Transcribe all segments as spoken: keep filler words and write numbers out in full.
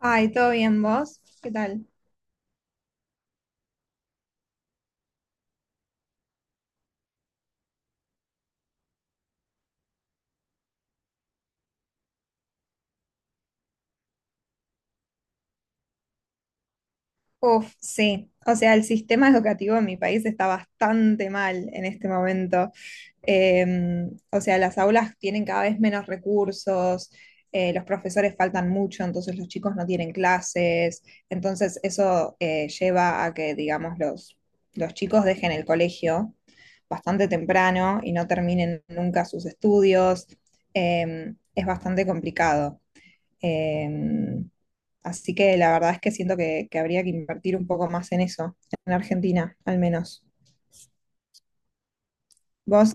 Ay, ¿todo bien vos? ¿Qué tal? Uf, sí. O sea, el sistema educativo en mi país está bastante mal en este momento. Eh, o sea, las aulas tienen cada vez menos recursos, eh, los profesores faltan mucho, entonces los chicos no tienen clases. Entonces eso eh, lleva a que, digamos, los, los chicos dejen el colegio bastante temprano y no terminen nunca sus estudios. Eh, es bastante complicado. Em, Así que la verdad es que siento que, que habría que invertir un poco más en eso, en Argentina, al menos. Vos,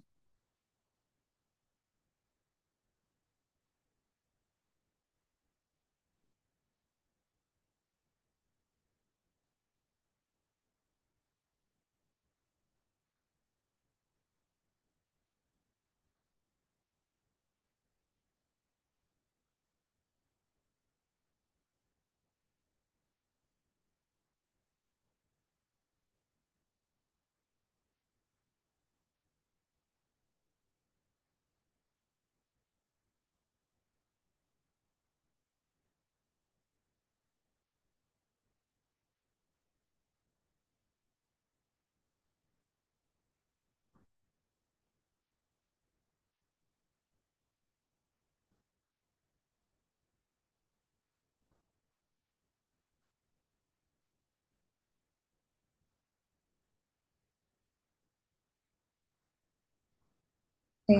sí.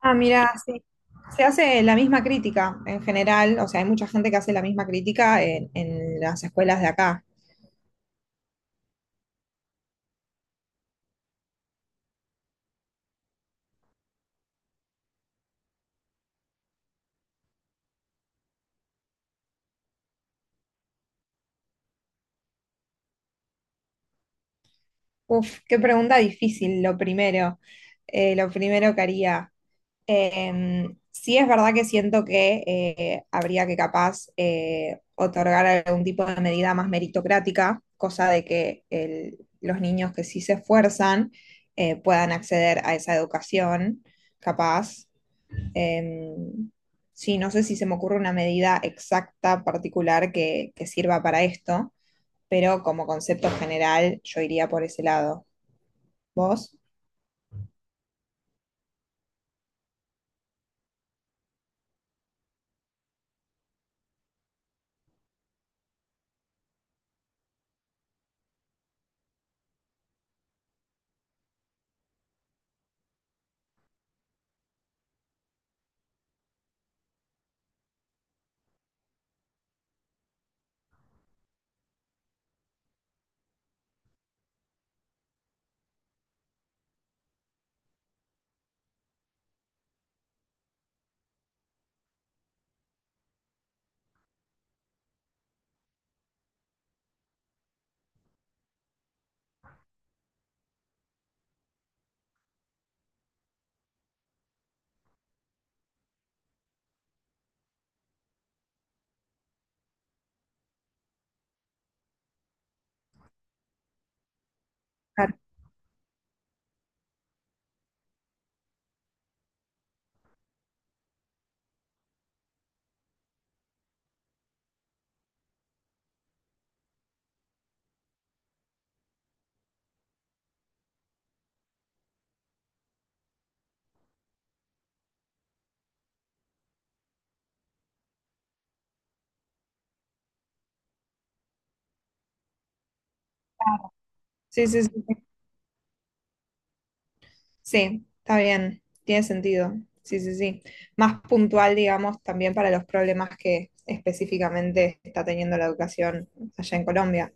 Ah, mira, sí. Se hace la misma crítica en general, o sea, hay mucha gente que hace la misma crítica en, en las escuelas de acá. Uf, qué pregunta difícil, lo primero. Eh, lo primero que haría. Em, sí es verdad que siento que eh, habría que capaz eh, otorgar algún tipo de medida más meritocrática, cosa de que el- los niños que sí se esfuerzan eh, puedan acceder a esa educación, capaz. Em, sí, no sé si se me ocurre una medida exacta, particular, que, que sirva para esto, pero como concepto general yo iría por ese lado. ¿Vos? Ah, sí, sí, sí. Sí, está bien, tiene sentido. Sí, sí, sí. Más puntual, digamos, también para los problemas que específicamente está teniendo la educación allá en Colombia.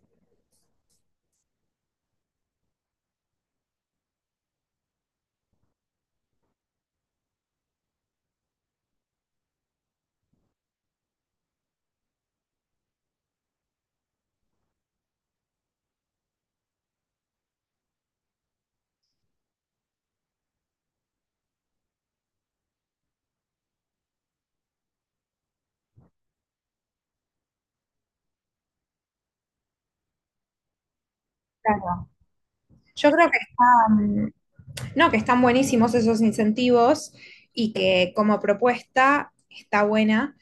Claro. Yo creo que están, no, que están buenísimos esos incentivos y que como propuesta está buena,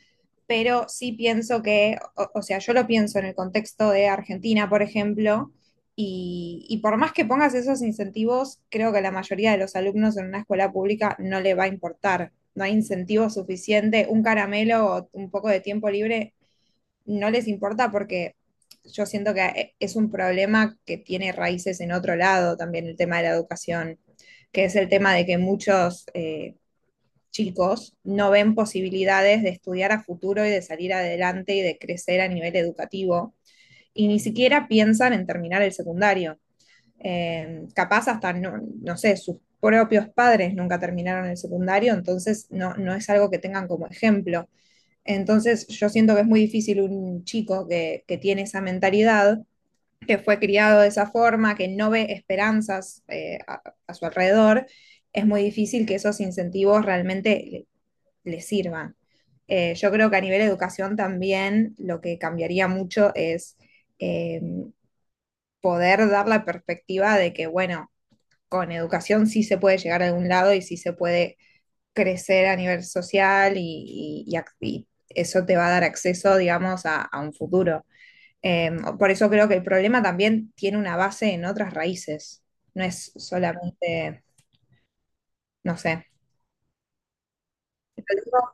pero sí pienso que, o, o sea, yo lo pienso en el contexto de Argentina, por ejemplo, y, y por más que pongas esos incentivos, creo que a la mayoría de los alumnos en una escuela pública no le va a importar. No hay incentivo suficiente, un caramelo o un poco de tiempo libre no les importa porque yo siento que eh, es un problema que tiene raíces en otro lado también el tema de la educación, que es el tema de que muchos eh, chicos no ven posibilidades de estudiar a futuro y de salir adelante y de crecer a nivel educativo, y ni siquiera piensan en terminar el secundario. Eh, capaz hasta, no, no, sé, sus propios padres nunca terminaron el secundario, entonces no, no, es algo que tengan como ejemplo. Entonces yo siento que es muy difícil un chico que, que tiene esa mentalidad, que fue criado de esa forma, que no ve esperanzas eh, a, a su alrededor, es muy difícil que esos incentivos realmente les sirvan. Eh, yo creo que a nivel de educación también lo que cambiaría mucho es eh, poder dar la perspectiva de que, bueno, con educación sí se puede llegar a algún lado y sí se puede crecer a nivel social y, y, y eso te va a dar acceso, digamos, a, a un futuro. Eh, por eso creo que el problema también tiene una base en otras raíces, no es solamente, no sé. Lo digo.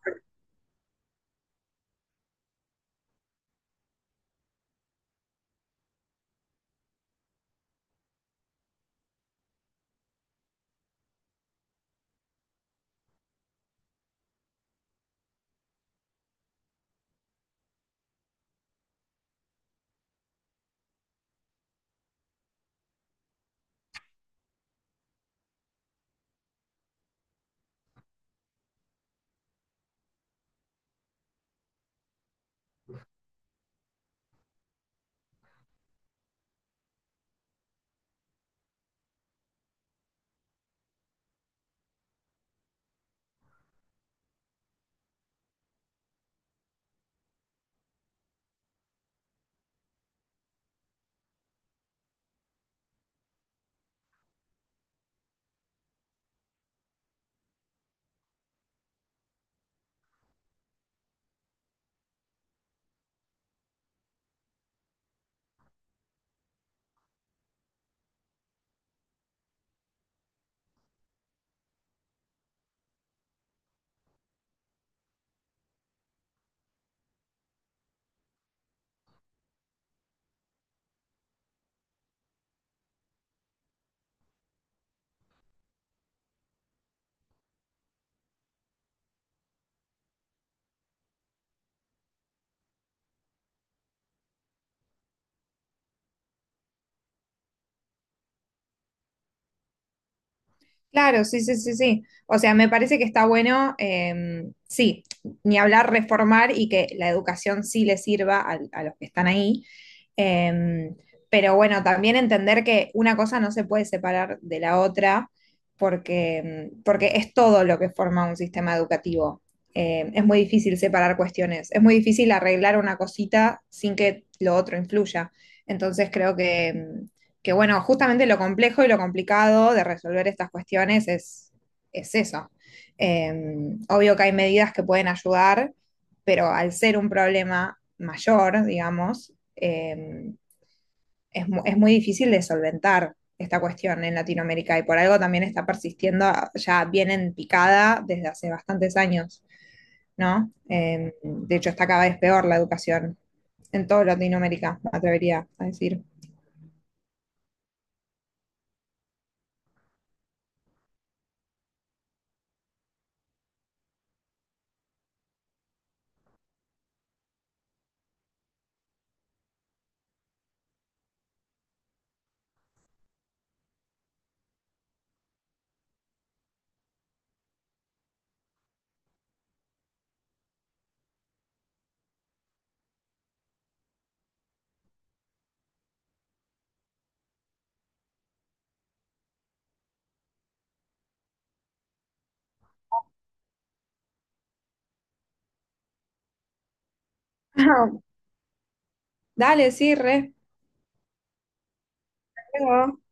Claro, sí, sí, sí, sí. O sea, me parece que está bueno, em, sí, ni hablar reformar y que la educación sí le sirva al- a los que están ahí. Em, pero bueno, también entender que una cosa no se puede separar de la otra porque, em, porque es todo lo que forma un sistema educativo. Em, es muy difícil separar cuestiones, es muy difícil arreglar una cosita sin que lo otro influya. Entonces creo que, em, que bueno, justamente lo complejo y lo complicado de resolver estas cuestiones es, es eso. Eh, Obvio que hay medidas que pueden ayudar, pero al ser un problema mayor, digamos, eh, es, mu- es, muy difícil de solventar esta cuestión en Latinoamérica y por algo también está persistiendo, ya bien en picada desde hace bastantes años, ¿no? Eh, de hecho, está cada vez peor la educación en toda Latinoamérica, me atrevería a decir. Dale, sí, re. Luego.